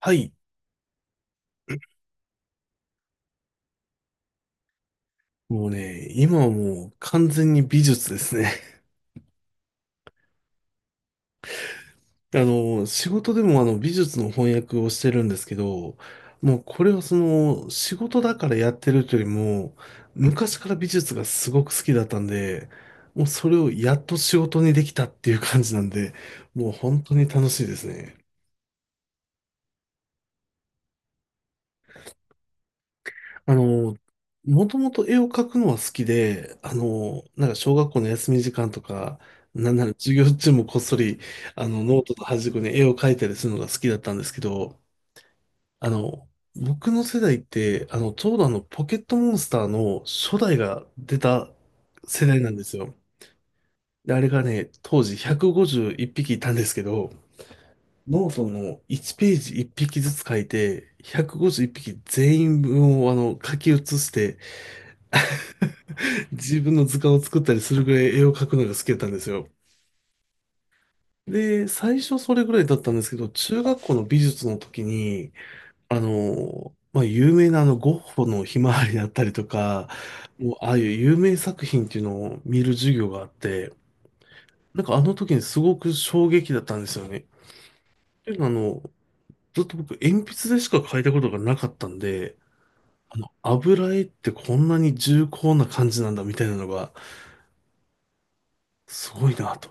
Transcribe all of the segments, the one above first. はい。もうね、今はもう完全に美術ですね。仕事でも美術の翻訳をしてるんですけど、もうこれはその仕事だからやってるというよりも、昔から美術がすごく好きだったんで、もうそれをやっと仕事にできたっていう感じなんで、もう本当に楽しいですね。あの、もともと絵を描くのは好きで、なんか小学校の休み時間とか、なんなら授業中もこっそり、ノートと端っこに絵を描いたりするのが好きだったんですけど、あの、僕の世代って、ちょうどポケットモンスターの初代が出た世代なんですよ。で、あれがね、当時151匹いっぴきいたんですけど、ノートの1ページ1匹ずつ書いて、151匹全員分を書き写して、自分の図鑑を作ったりするぐらい絵を描くのが好きだったんですよ。で、最初それぐらいだったんですけど、中学校の美術の時に、有名なゴッホのひまわりだったりとか、もうああいう有名作品っていうのを見る授業があって、なんかあの時にすごく衝撃だったんですよね。っていうのはずっと僕鉛筆でしか描いたことがなかったんで、油絵ってこんなに重厚な感じなんだみたいなのが、すごいなと。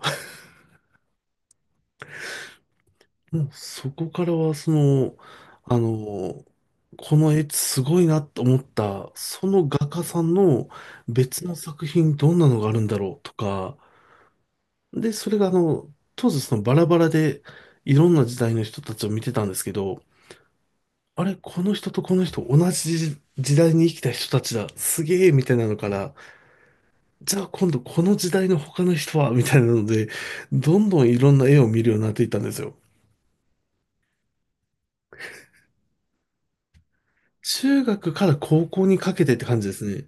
もうそこからは、あの、この絵すごいなと思った、その画家さんの別の作品どんなのがあるんだろうとか、で、それが当時バラバラでいろんな時代の人たちを見てたんですけど、あれ、この人とこの人同じ時代に生きた人たちだ、すげえみたいなのから、じゃあ今度この時代の他の人はみたいなので、どんどんいろんな絵を見るようになっていったんですよ。中学から高校にかけてって感じですね。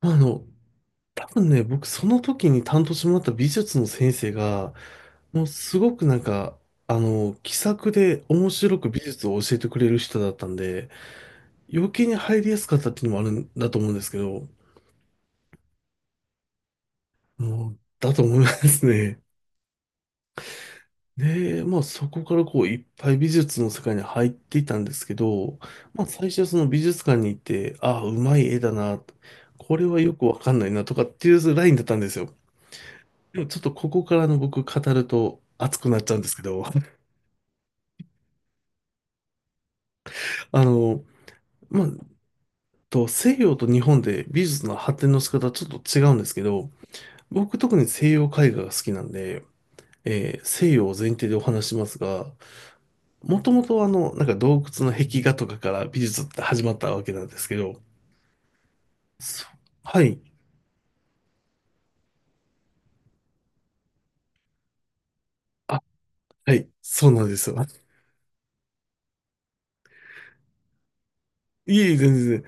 あの、多分ね、僕その時に担当してもらった美術の先生が、もうすごくなんか、気さくで面白く美術を教えてくれる人だったんで、余計に入りやすかったっていうのもあるんだと思うんですけど、もう、だと思いますね。で、まあそこからこういっぱい美術の世界に入っていたんですけど、まあ最初はその美術館に行って、ああ、うまい絵だな、これはよくわかんないなとかっていうラインだったんですよ。でもちょっとここからの僕語ると熱くなっちゃうんですけど、あの、まあ、西洋と日本で美術の発展の仕方はちょっと違うんですけど、僕特に西洋絵画が好きなんで、西洋を前提でお話しますが、もともとなんか洞窟の壁画とかから美術って始まったわけなんですけど、そはい。あ、はい。そうなんですよ。いえいえ、全然。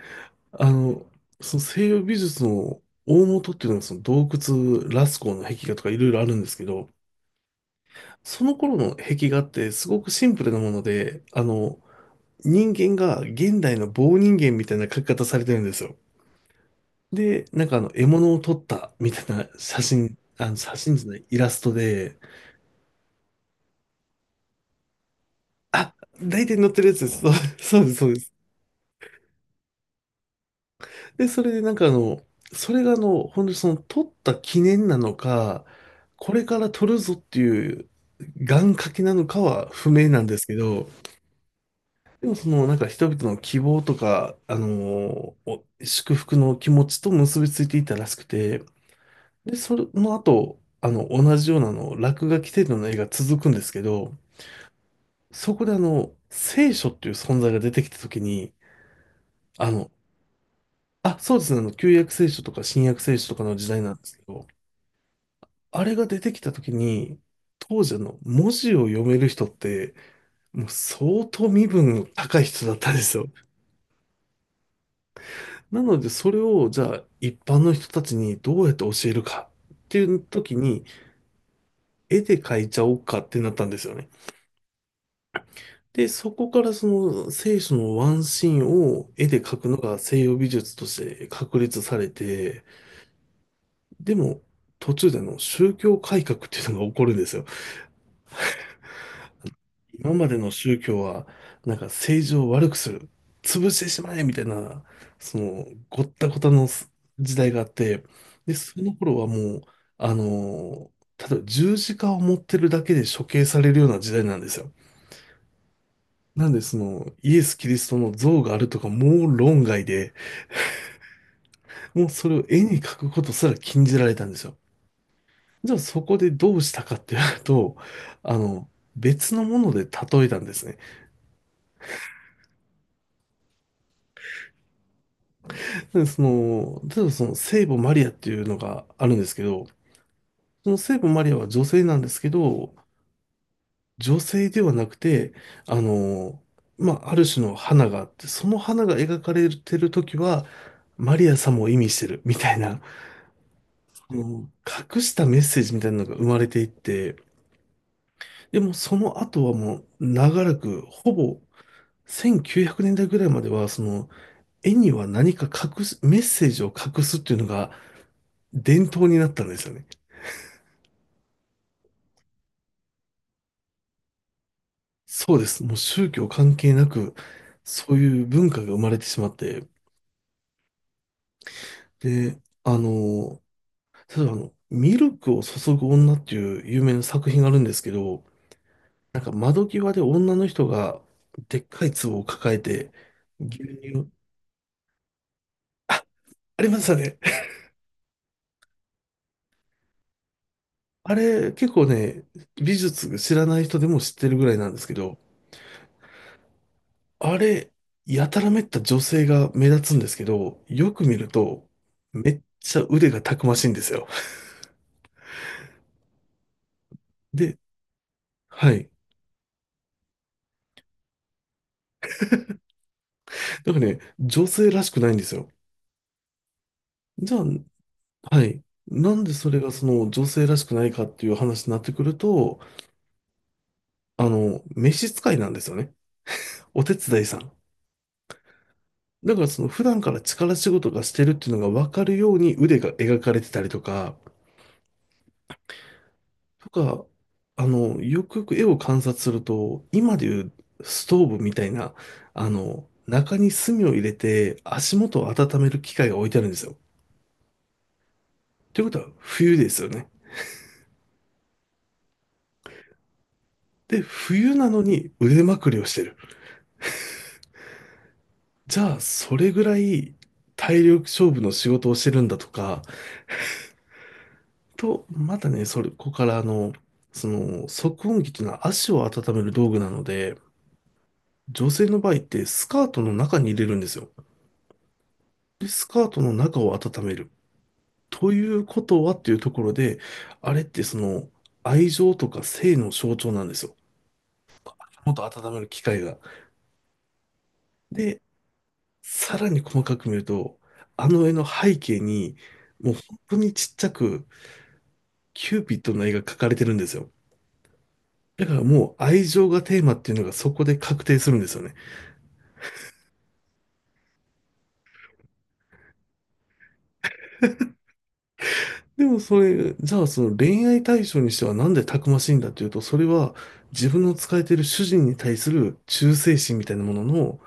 あの、その西洋美術の大元っていうのはその洞窟、ラスコーの壁画とかいろいろあるんですけど、その頃の壁画ってすごくシンプルなもので、人間が現代の棒人間みたいな描き方されてるんですよ。で、なんか獲物を撮ったみたいな写真、写真じゃない、イラストで、あ、大体載ってるやつです。そうそうです、そうです。で、それでなんかそれが本当にその撮った記念なのか、これから撮るぞっていう願掛けなのかは不明なんですけど、でもそのなんか人々の希望とか、お祝福の気持ちと結びついていたらしくて、で、その後、同じような落書き程度の絵が続くんですけど、そこで聖書っていう存在が出てきた時に、あの、あ、そうですね、旧約聖書とか新約聖書とかの時代なんですけど、あれが出てきた時に、当時文字を読める人って、もう相当身分の高い人だったんですよ。なので、それを、じゃあ、一般の人たちにどうやって教えるかっていう時に、絵で描いちゃおうかってなったんですよね。で、そこからその聖書のワンシーンを絵で描くのが西洋美術として確立されて、でも、途中で宗教改革っていうのが起こるんですよ。今までの宗教は、なんか政治を悪くする、潰してしまえみたいな、その、ごったごたの時代があって、で、その頃はもう、あの、例えば十字架を持ってるだけで処刑されるような時代なんですよ。なんで、その、イエス・キリストの像があるとか、もう論外で、もうそれを絵に描くことすら禁じられたんですよ。じゃあそこでどうしたかっていうと、あの、別のもので例えたんですね。で、その、例えばその聖母マリアっていうのがあるんですけど、その聖母マリアは女性なんですけど、女性ではなくて、あの、ある種の花があって、その花が描かれてる時は、マリア様を意味してるみたいな、その隠したメッセージみたいなのが生まれていって、でもその後はもう長らく、ほぼ1900年代ぐらいまでは、その絵には何か隠す、メッセージを隠すっていうのが伝統になったんですよね。そうです。もう宗教関係なく、そういう文化が生まれてしまって、で、あの、例えばミルクを注ぐ女っていう有名な作品があるんですけど、なんか窓際で女の人がでっかい壺を抱えて、牛乳、ありましたね。あれ、結構ね、美術知らない人でも知ってるぐらいなんですけど、あれ、やたらめった女性が目立つんですけど、よく見ると、めっちゃ腕がたくましいんですよ。で、はい。なんかね、女性らしくないんですよ。じゃあ、はい。なんでそれがその女性らしくないかっていう話になってくると、召使いなんですよね。お手伝いさん。だからその普段から力仕事がしてるっていうのが分かるように腕が描かれてたりとか、とか、よくよく絵を観察すると、今でいうストーブみたいな、中に炭を入れて足元を温める機械が置いてあるんですよ。ということは冬ですよね。で、冬なのに腕まくりをしてる。じゃあ、それぐらい体力勝負の仕事をしてるんだとか、と、またね、それ、ここから足温器というのは足を温める道具なので、女性の場合ってスカートの中に入れるんですよ。で、スカートの中を温める。ということはっていうところで、あれってその、愛情とか性の象徴なんですよ。もっと温める機会が。で、さらに細かく見ると、あの絵の背景に、もう本当にちっちゃく、キューピッドの絵が描かれてるんですよ。だからもう愛情がテーマっていうのがそこで確定するんですよね。でもそれ、じゃあその恋愛対象にしてはなんでたくましいんだっていうと、それは自分の使えている主人に対する忠誠心みたいなものの、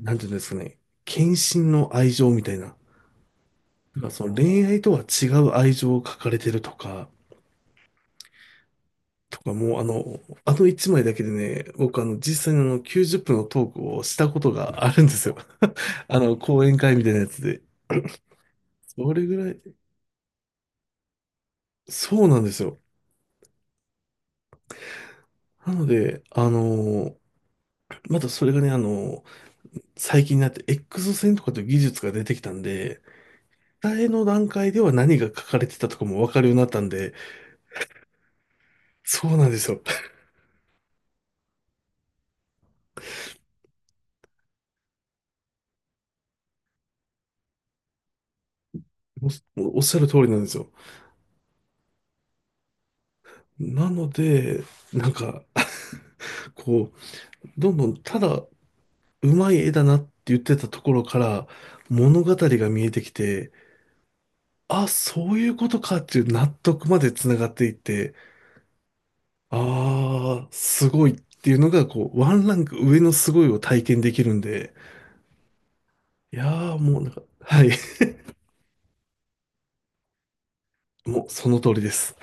なんていうんですかね、献身の愛情みたいな。だからその恋愛とは違う愛情を書かれてるとか、とか、もうあの一枚だけでね、僕実際に90分のトークをしたことがあるんですよ。講演会みたいなやつで。それぐらい、そうなんですよ。なので、またそれがね、最近になって X線とかという技術が出てきたんで、伝えの段階では何が書かれてたとかもわかるようになったんで、そうなんですよ。おおっしゃる通りなんですよ。なので、なんか、こう、どんどんただうまい絵だなって言ってたところから物語が見えてきて、あ、そういうことかっていう納得までつながっていって、ああ、すごいっていうのが、こう、ワンランク上のすごいを体験できるんで、いやーもうなんか、はい、もうその通りです。